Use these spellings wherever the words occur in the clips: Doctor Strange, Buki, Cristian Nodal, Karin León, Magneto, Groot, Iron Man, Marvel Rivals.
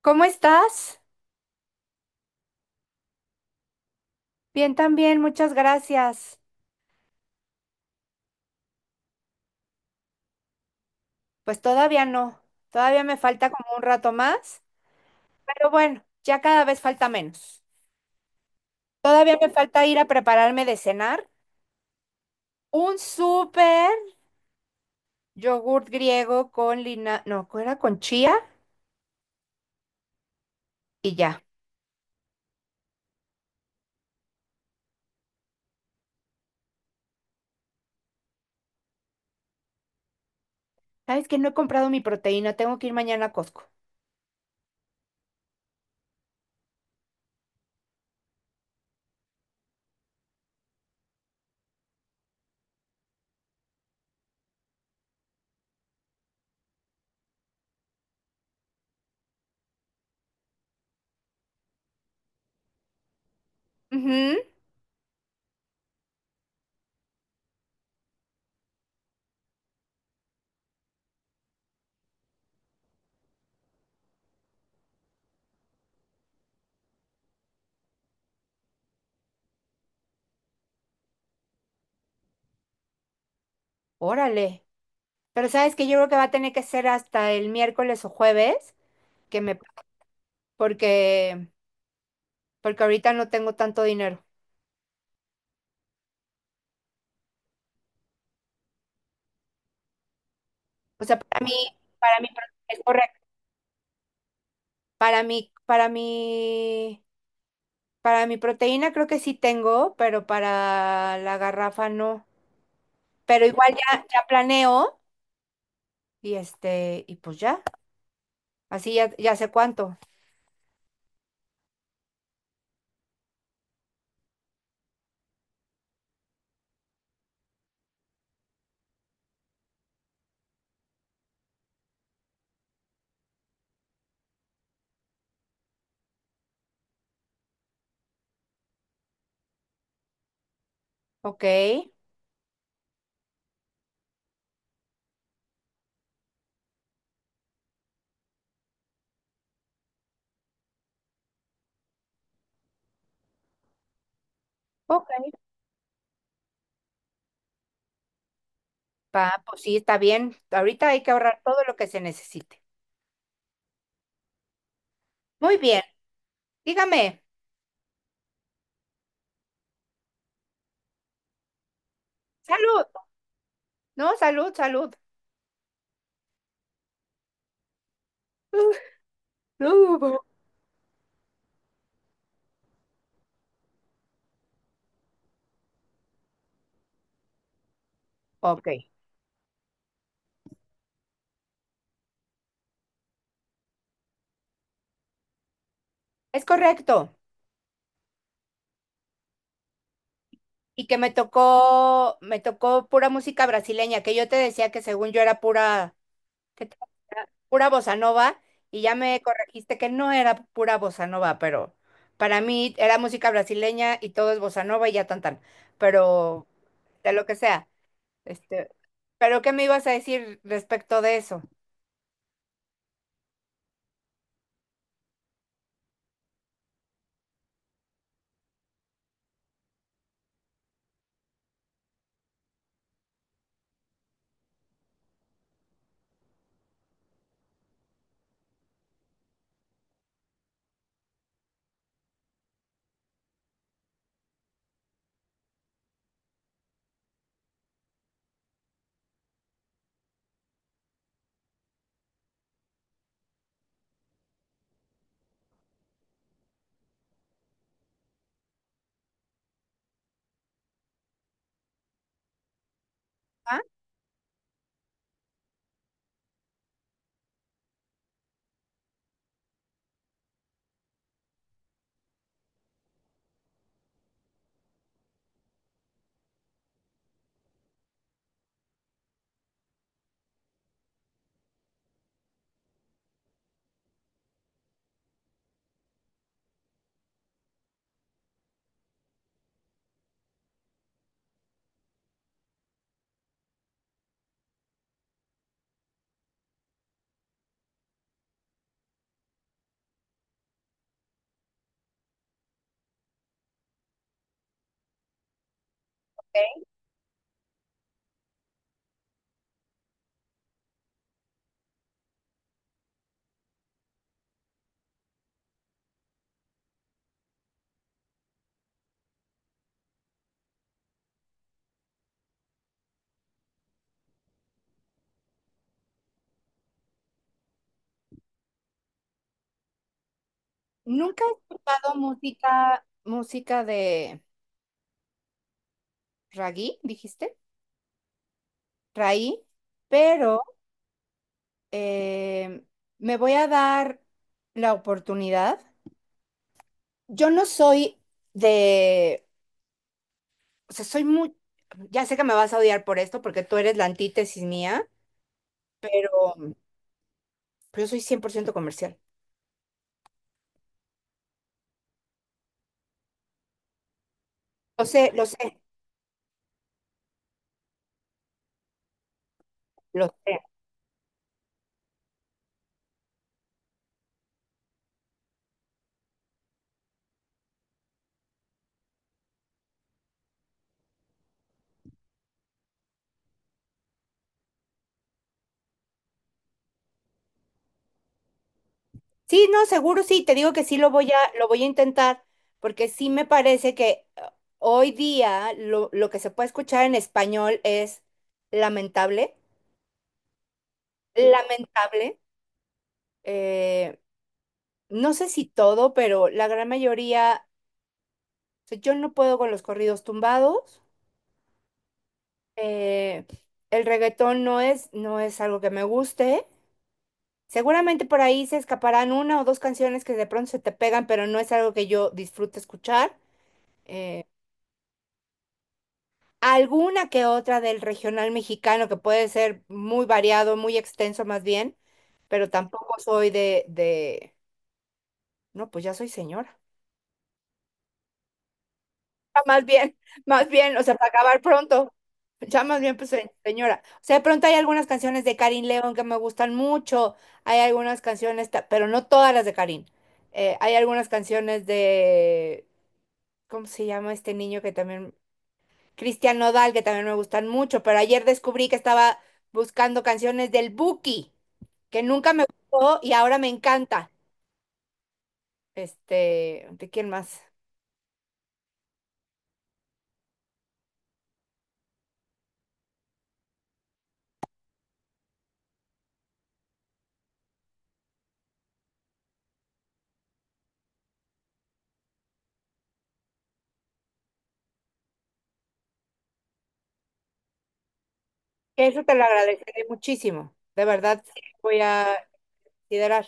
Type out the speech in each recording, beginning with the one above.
¿Cómo estás? Bien también, muchas gracias. Pues todavía no, todavía me falta como un rato más, pero bueno, ya cada vez falta menos. Todavía me falta ir a prepararme de cenar un súper yogurt griego con lina, no, ¿cuál era? Con chía y ya. ¿Sabes que no he comprado mi proteína? Tengo que ir mañana a Costco. Ujú. Órale. Pero sabes que yo creo que va a tener que ser hasta el miércoles o jueves que me, porque porque ahorita no tengo tanto dinero. O sea, para mí, es correcto. Para mí, para mí, para mi proteína creo que sí tengo, pero para la garrafa no. Pero igual ya, ya planeo y y pues ya, así ya, ya sé cuánto. Ok, ok. Pues sí, está bien. Ahorita hay que ahorrar todo lo que se necesite. Muy bien, dígame. Salud. No, salud, salud. Uh, uh, Ok, es correcto. Y que me tocó pura música brasileña, que yo te decía que según yo era pura, ¿qué te- pura bossa nova, y ya me corregiste que no era pura bossa nova, pero para mí era música brasileña y todo es bossa nova y ya tan tan, pero de lo que sea. Este, pero ¿qué me ibas a decir respecto de eso? Ah, ok. Nunca he escuchado música de ragui, dijiste, raí, pero eh, me voy a dar la oportunidad. Yo no soy de, o sea, soy muy, ya sé que me vas a odiar por esto porque tú eres la antítesis mía, pero yo soy 100% comercial. Lo sé, lo sé, lo sé. Sí, no, seguro sí, te digo que sí lo voy a intentar porque sí me parece que hoy día lo que se puede escuchar en español es lamentable, lamentable. Eh, no sé si todo, pero la gran mayoría, o sea, yo no puedo con los corridos tumbados. Eh, el reggaetón no es algo que me guste. Seguramente por ahí se escaparán una o dos canciones que de pronto se te pegan, pero no es algo que yo disfrute escuchar. Eh, alguna que otra del regional mexicano que puede ser muy variado, muy extenso más bien, pero tampoco soy de, no, pues ya soy señora. Más bien, más bien, o sea, para acabar pronto. Ya más bien, pues, señora. O sea, de pronto hay algunas canciones de Karin León que me gustan mucho. Hay algunas pero no todas las de Karin. Hay algunas canciones de, ¿cómo se llama este niño que también? Cristian Nodal, que también me gustan mucho. Pero ayer descubrí que estaba buscando canciones del Buki, que nunca me gustó y ahora me encanta. Este, ¿de quién más? Que eso te lo agradeceré muchísimo. De verdad, sí, voy a considerar.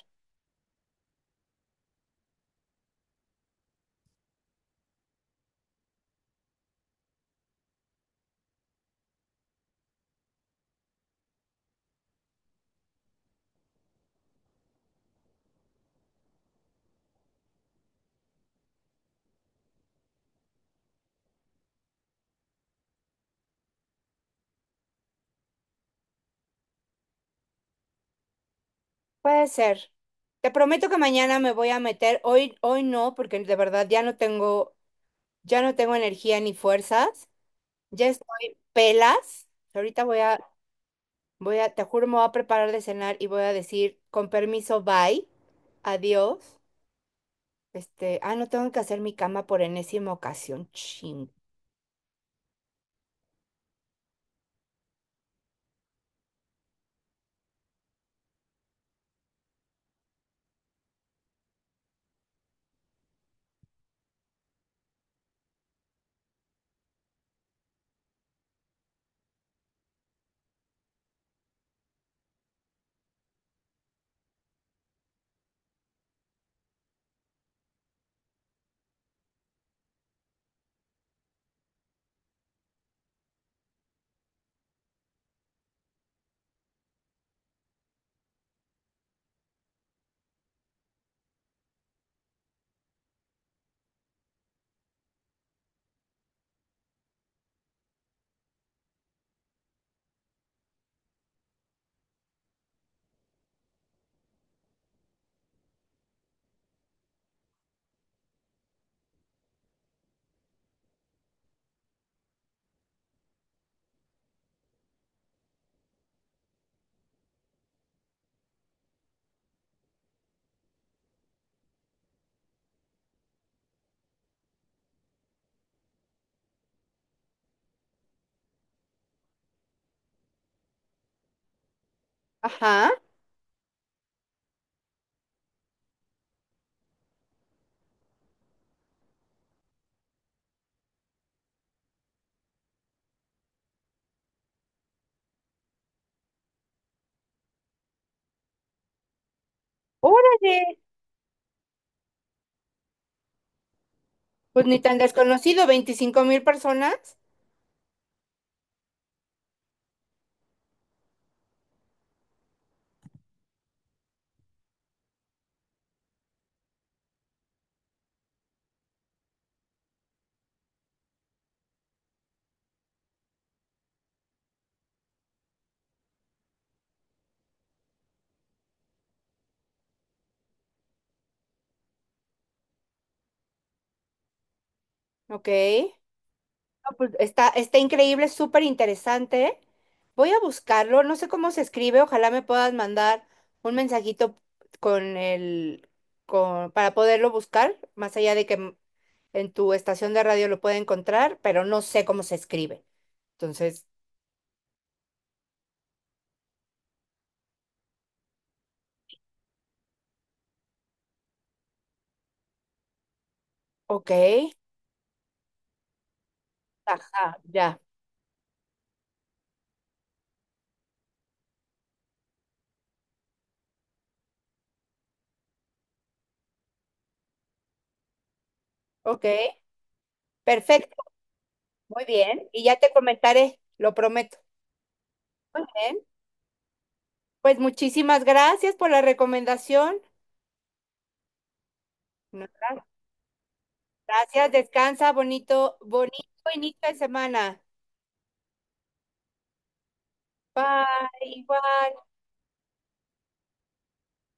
Puede ser. Te prometo que mañana me voy a meter. Hoy, hoy no, porque de verdad ya no tengo energía ni fuerzas. Ya estoy pelas. Ahorita te juro, me voy a preparar de cenar y voy a decir, con permiso, bye. Adiós. Este, ah, no tengo que hacer mi cama por enésima ocasión. Ching. Ajá. Órale. Pues ni tan desconocido, 25,000 personas. Ok. No, pues, está, está increíble, súper interesante. Voy a buscarlo, no sé cómo se escribe, ojalá me puedas mandar un mensajito con el, para poderlo buscar, más allá de que en tu estación de radio lo pueda encontrar, pero no sé cómo se escribe. Entonces, ok, ajá, ya, ok, perfecto, muy bien, y ya te comentaré, lo prometo. Bien, pues muchísimas gracias por la recomendación. No, gracias. Gracias, descansa, bonito, bonito inicio de semana. Bye, bye.